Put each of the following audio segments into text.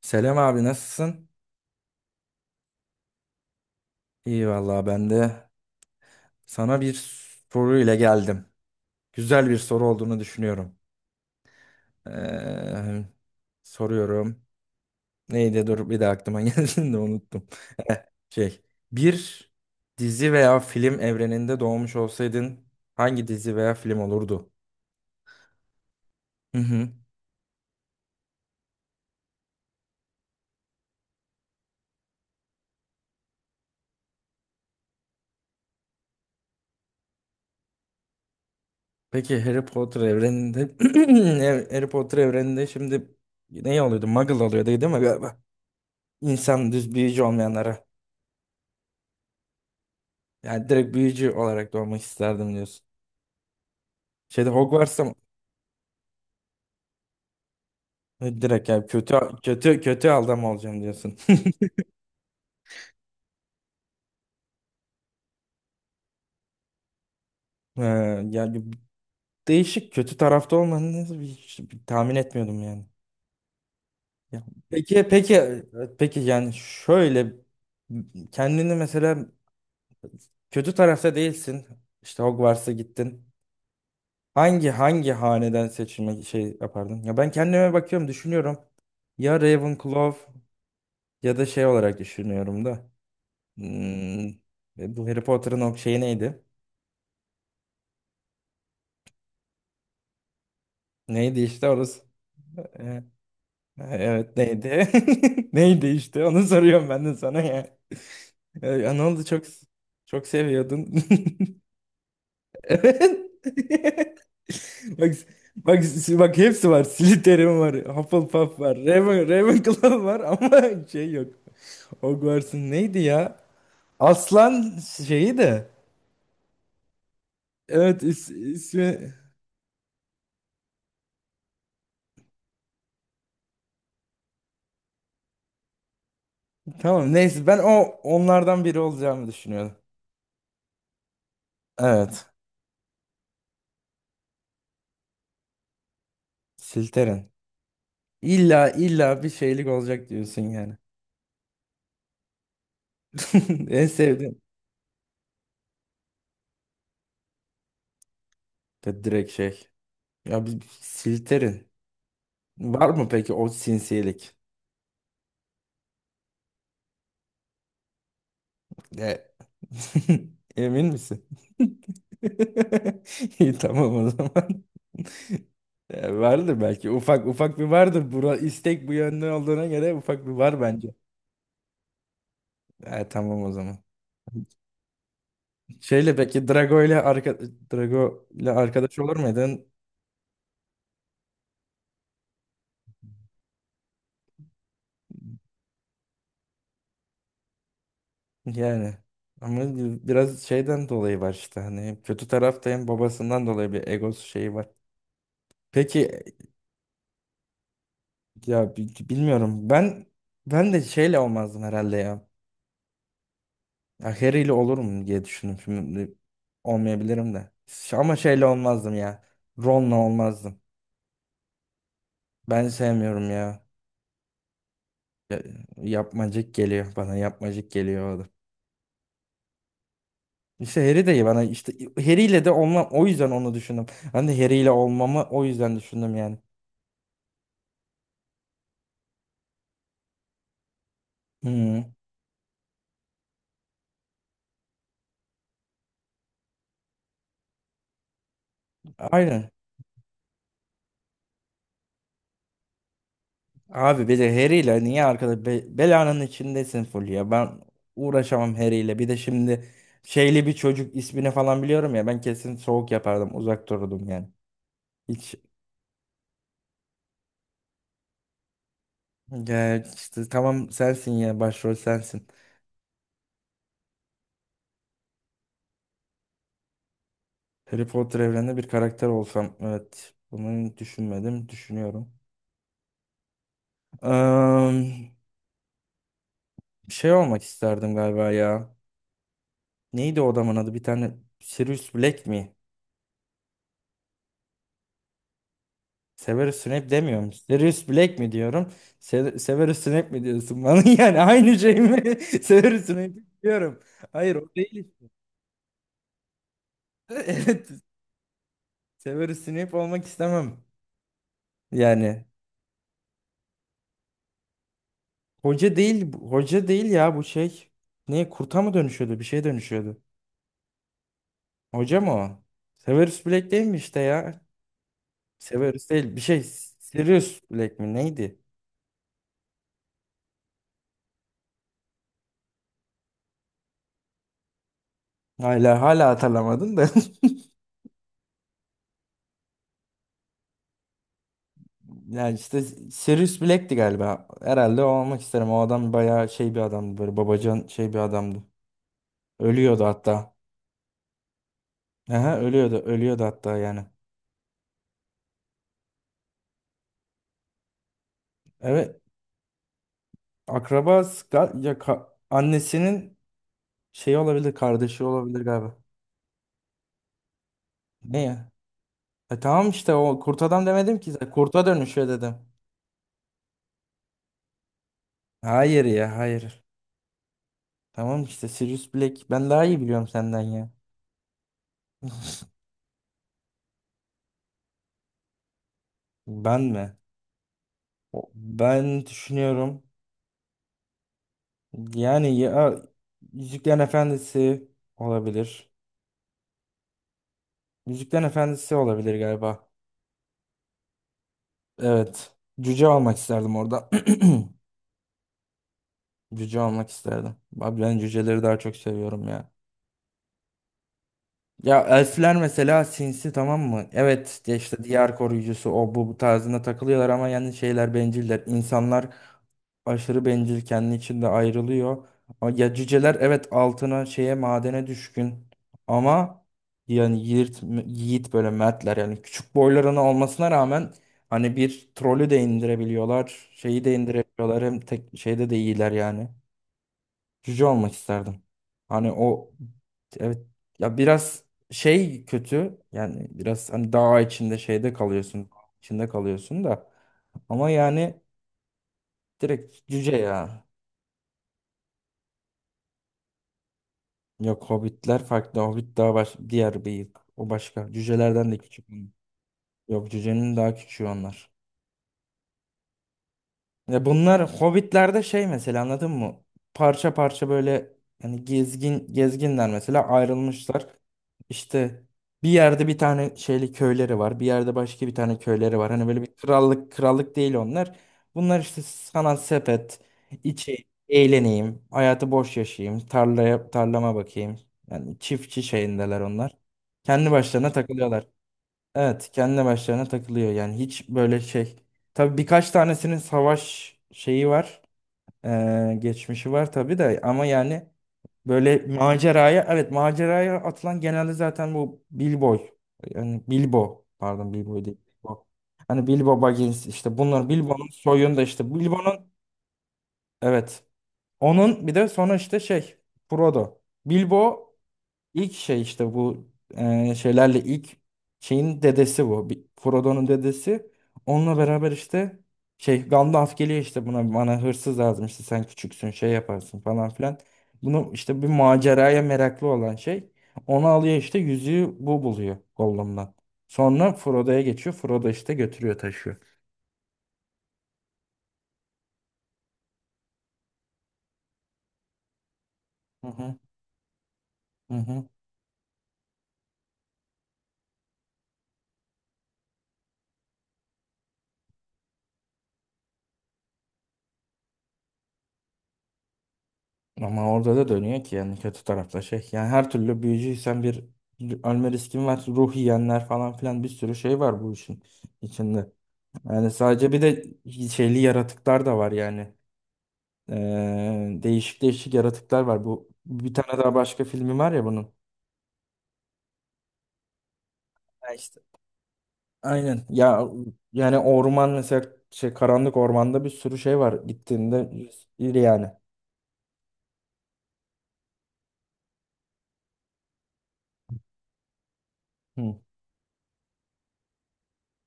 Selam abi, nasılsın? İyi vallahi, ben de sana bir soru ile geldim. Güzel bir soru olduğunu düşünüyorum. Ee, Soruyorum. Neydi? Dur, bir de aklıma geldi de unuttum. Eh, Şey, Bir dizi veya film evreninde doğmuş olsaydın hangi dizi veya film olurdu? Hı hı. Peki Harry Potter evreninde Harry Potter evreninde şimdi ne oluyordu? Muggle oluyordu değil mi galiba? İnsan düz, büyücü olmayanlara. Yani direkt büyücü olarak doğmak isterdim diyorsun. Şeyde, Hogwarts'ta mı? Direkt yani kötü kötü kötü adam olacağım diyorsun. Ee, Yani değişik, kötü tarafta olmanı hiç tahmin etmiyordum yani. Ya, peki peki peki yani şöyle, kendini mesela kötü tarafta değilsin. İşte Hogwarts'a gittin. Hangi haneden seçilmek şey yapardın? Ya ben kendime bakıyorum, düşünüyorum. Ya Ravenclaw ya da şey olarak düşünüyorum da. Hmm. Bu Harry Potter'ın o şeyi neydi? Neydi işte orası? E, Evet, neydi? Neydi işte? Onu soruyorum ben de sana ya. Ya ne oldu, çok seviyordun. Evet. Bak bak bak, hepsi var. Slytherin var. Hufflepuff var. Ravenclaw var ama şey yok. Hogwarts'ın neydi ya? Aslan şeyi de. İsmi tamam, neyse, ben o onlardan biri olacağımı düşünüyordum. Evet. Silteren. İlla illa bir şeylik olacak diyorsun yani. En sevdiğim. De direkt şey. Ya bir Silterin. Var mı peki o sinsilik? E Emin misin? İyi, tamam o zaman. Ya vardır belki. Ufak ufak bir vardır. Bura istek bu yönde olduğuna göre ufak bir var bence. E tamam o zaman. Şeyle peki Drago ile arka, Drago ile arkadaş olur muydun? Yani ama biraz şeyden dolayı var işte, hani kötü tarafta, hem babasından dolayı bir egosu şeyi var. Peki ya bilmiyorum, ben de şeyle olmazdım herhalde ya. Ya Harry ile olurum diye düşündüm, şimdi olmayabilirim de. Ama şeyle olmazdım ya. Ron'la olmazdım. Ben sevmiyorum ya. Ya- Yapmacık geliyor bana, yapmacık geliyor o da. İşte Harry de bana, işte Harry ile de olmam, o yüzden onu düşündüm. Ben de Harry ile olmamı o yüzden düşündüm yani. Hı. Aynen. Abi bir de Harry niye arkada belanın içindesin, full ya. Ben uğraşamam Harry. Bir de şimdi şeyli bir çocuk, ismini falan biliyorum ya. Ben kesin soğuk yapardım. Uzak dururdum yani. Hiç, ya işte tamam, sensin ya, başrol sensin. Harry Potter evreninde bir karakter olsam, evet. Bunu düşünmedim. Düşünüyorum. Eee, Şey olmak isterdim galiba ya. Neydi o adamın adı? Bir tane Sirius Black mi? Severus Snape demiyorum. Sirius Black mi diyorum? Severus Snape mi diyorsun bana? Yani aynı şey mi? Severus Snape diyorum. Hayır, o değil. Evet. Severus Snape olmak istemem. Yani hoca değil, hoca değil ya, bu şey. Ne, kurta mı dönüşüyordu? Bir şey dönüşüyordu. Hoca mı o? Severus Black değil mi işte ya? Severus değil. Bir şey, Sirius Black mi? Neydi? Hala hatırlamadım da. Yani işte Sirius Black'ti galiba. Herhalde o olmak isterim. O adam bayağı şey bir adamdı. Böyle babacan şey bir adamdı. Ölüyordu hatta. Aha, ölüyordu. Ölüyordu hatta yani. Evet. Akrabası ya annesinin şey olabilir. Kardeşi olabilir galiba. Ne ya? E tamam işte, o kurt adam demedim ki zaten. Kurta dönüşüyor dedim. Hayır ya, hayır. Tamam işte Sirius Black. Ben daha iyi biliyorum senden ya. Ben mi? Ben düşünüyorum. Yani ya Yüzüklerin Efendisi olabilir. Yüzüklerin Efendisi olabilir galiba. Evet. Cüce almak isterdim orada. Cüce almak isterdim. Abi ben cüceleri daha çok seviyorum ya. Ya elfler mesela sinsi, tamam mı? Evet de işte diğer koruyucusu o bu, bu tarzında takılıyorlar ama yani şeyler benciller. İnsanlar aşırı bencil, kendi içinde ayrılıyor. Ama ya cüceler, evet altına şeye, madene düşkün ama yani yiğit, yiğit böyle mertler, yani küçük boylarına olmasına rağmen hani bir trolü de indirebiliyorlar, şeyi de indirebiliyorlar, hem tek şeyde de iyiler yani. Cüce olmak isterdim. Hani o, evet, ya biraz şey kötü yani, biraz hani dağ içinde şeyde kalıyorsun, içinde kalıyorsun da ama yani direkt cüce ya. Yok, hobbitler farklı, hobbit daha baş, diğer bir, o başka cücelerden de küçük. Yok, cücenin daha küçüğü onlar. Ya bunlar Hobbit'lerde şey mesela, anladın mı? Parça parça böyle, hani gezgin, mesela ayrılmışlar. İşte bir yerde bir tane şeyli köyleri var. Bir yerde başka bir tane köyleri var. Hani böyle bir krallık, krallık değil onlar. Bunlar işte sanat sepet, içi eğleneyim, hayatı boş yaşayayım, tarlaya tarlama bakayım. Yani çiftçi şeyindeler onlar. Kendi başlarına takılıyorlar. Evet, kendi başlarına takılıyor. Yani hiç böyle şey. Tabii birkaç tanesinin savaş şeyi var. Geçmişi var tabii de ama yani böyle maceraya, evet maceraya atılan genelde zaten bu Bilbo, yani Bilbo, pardon Bilbo değil. Bilbo. Hani Bilbo Baggins, işte bunlar Bilbo'nun soyunda, işte Bilbo'nun, evet. Onun bir de sonra işte şey, Frodo. Bilbo İlk şey işte bu, şeylerle ilk şeyin dedesi bu. Frodo'nun dedesi. Onunla beraber işte şey Gandalf geliyor, işte buna bana hırsız lazım, işte sen küçüksün şey yaparsın falan filan. Bunu işte bir maceraya meraklı olan şey. Onu alıyor işte, yüzüğü bu buluyor Gollum'dan. Sonra Frodo'ya geçiyor. Frodo işte götürüyor, taşıyor. Hı hı. Hı hı. Ama orada da dönüyor ki, yani kötü tarafta şey. Yani her türlü büyücüysen bir ölme riskin var. Ruh yiyenler falan filan, bir sürü şey var bu işin içinde. Yani sadece bir de şeyli yaratıklar da var yani. Değişik değişik yaratıklar var. Bu bir tane daha başka filmi var ya bunun. Ha işte. Aynen. Ya yani orman mesela şey, karanlık ormanda bir sürü şey var gittiğinde, iyi yani. Hı.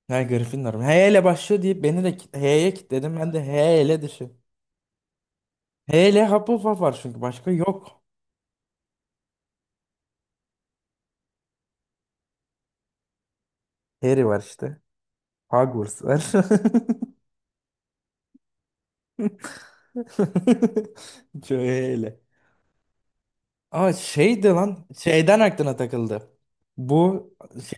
Ha, Gryffindor. H ile başlıyor deyip beni de H'ye kilitledim. Ben de H ile dışı. Hele Hufflepuff var çünkü, başka yok. Harry var işte. Hogwarts var. Şöyle. Aa, şeydi lan. Şeyden aklına takıldı. Bu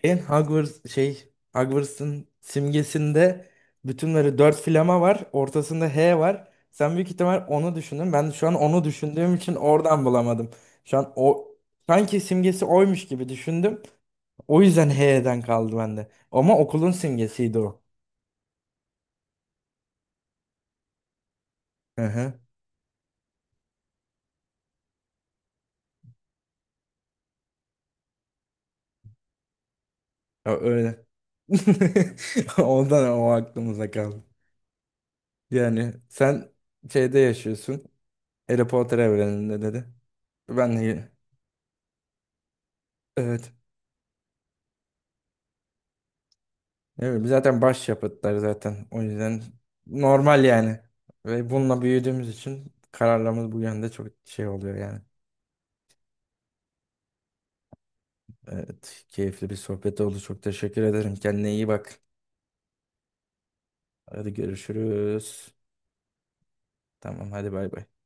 şeyin Hogwarts şey, Hogwarts'ın simgesinde bütünleri 4 flama var. Ortasında H var. Sen büyük ihtimal onu düşündün. Ben şu an onu düşündüğüm için oradan bulamadım. Şu an o sanki simgesi oymuş gibi düşündüm. O yüzden H'den kaldı bende. Ama okulun simgesiydi o. Hı hı. Ya öyle. Ondan o aklımıza kaldı. Yani sen şeyde yaşıyorsun. Harry Potter evreninde dedi. Ben de evet. Ne bileyim, zaten başyapıtlar zaten. O yüzden normal yani. Ve bununla büyüdüğümüz için kararlarımız bu yönde çok şey oluyor yani. Evet, keyifli bir sohbet oldu. Çok teşekkür ederim. Kendine iyi bak. Hadi görüşürüz. Tamam, hadi bay bay.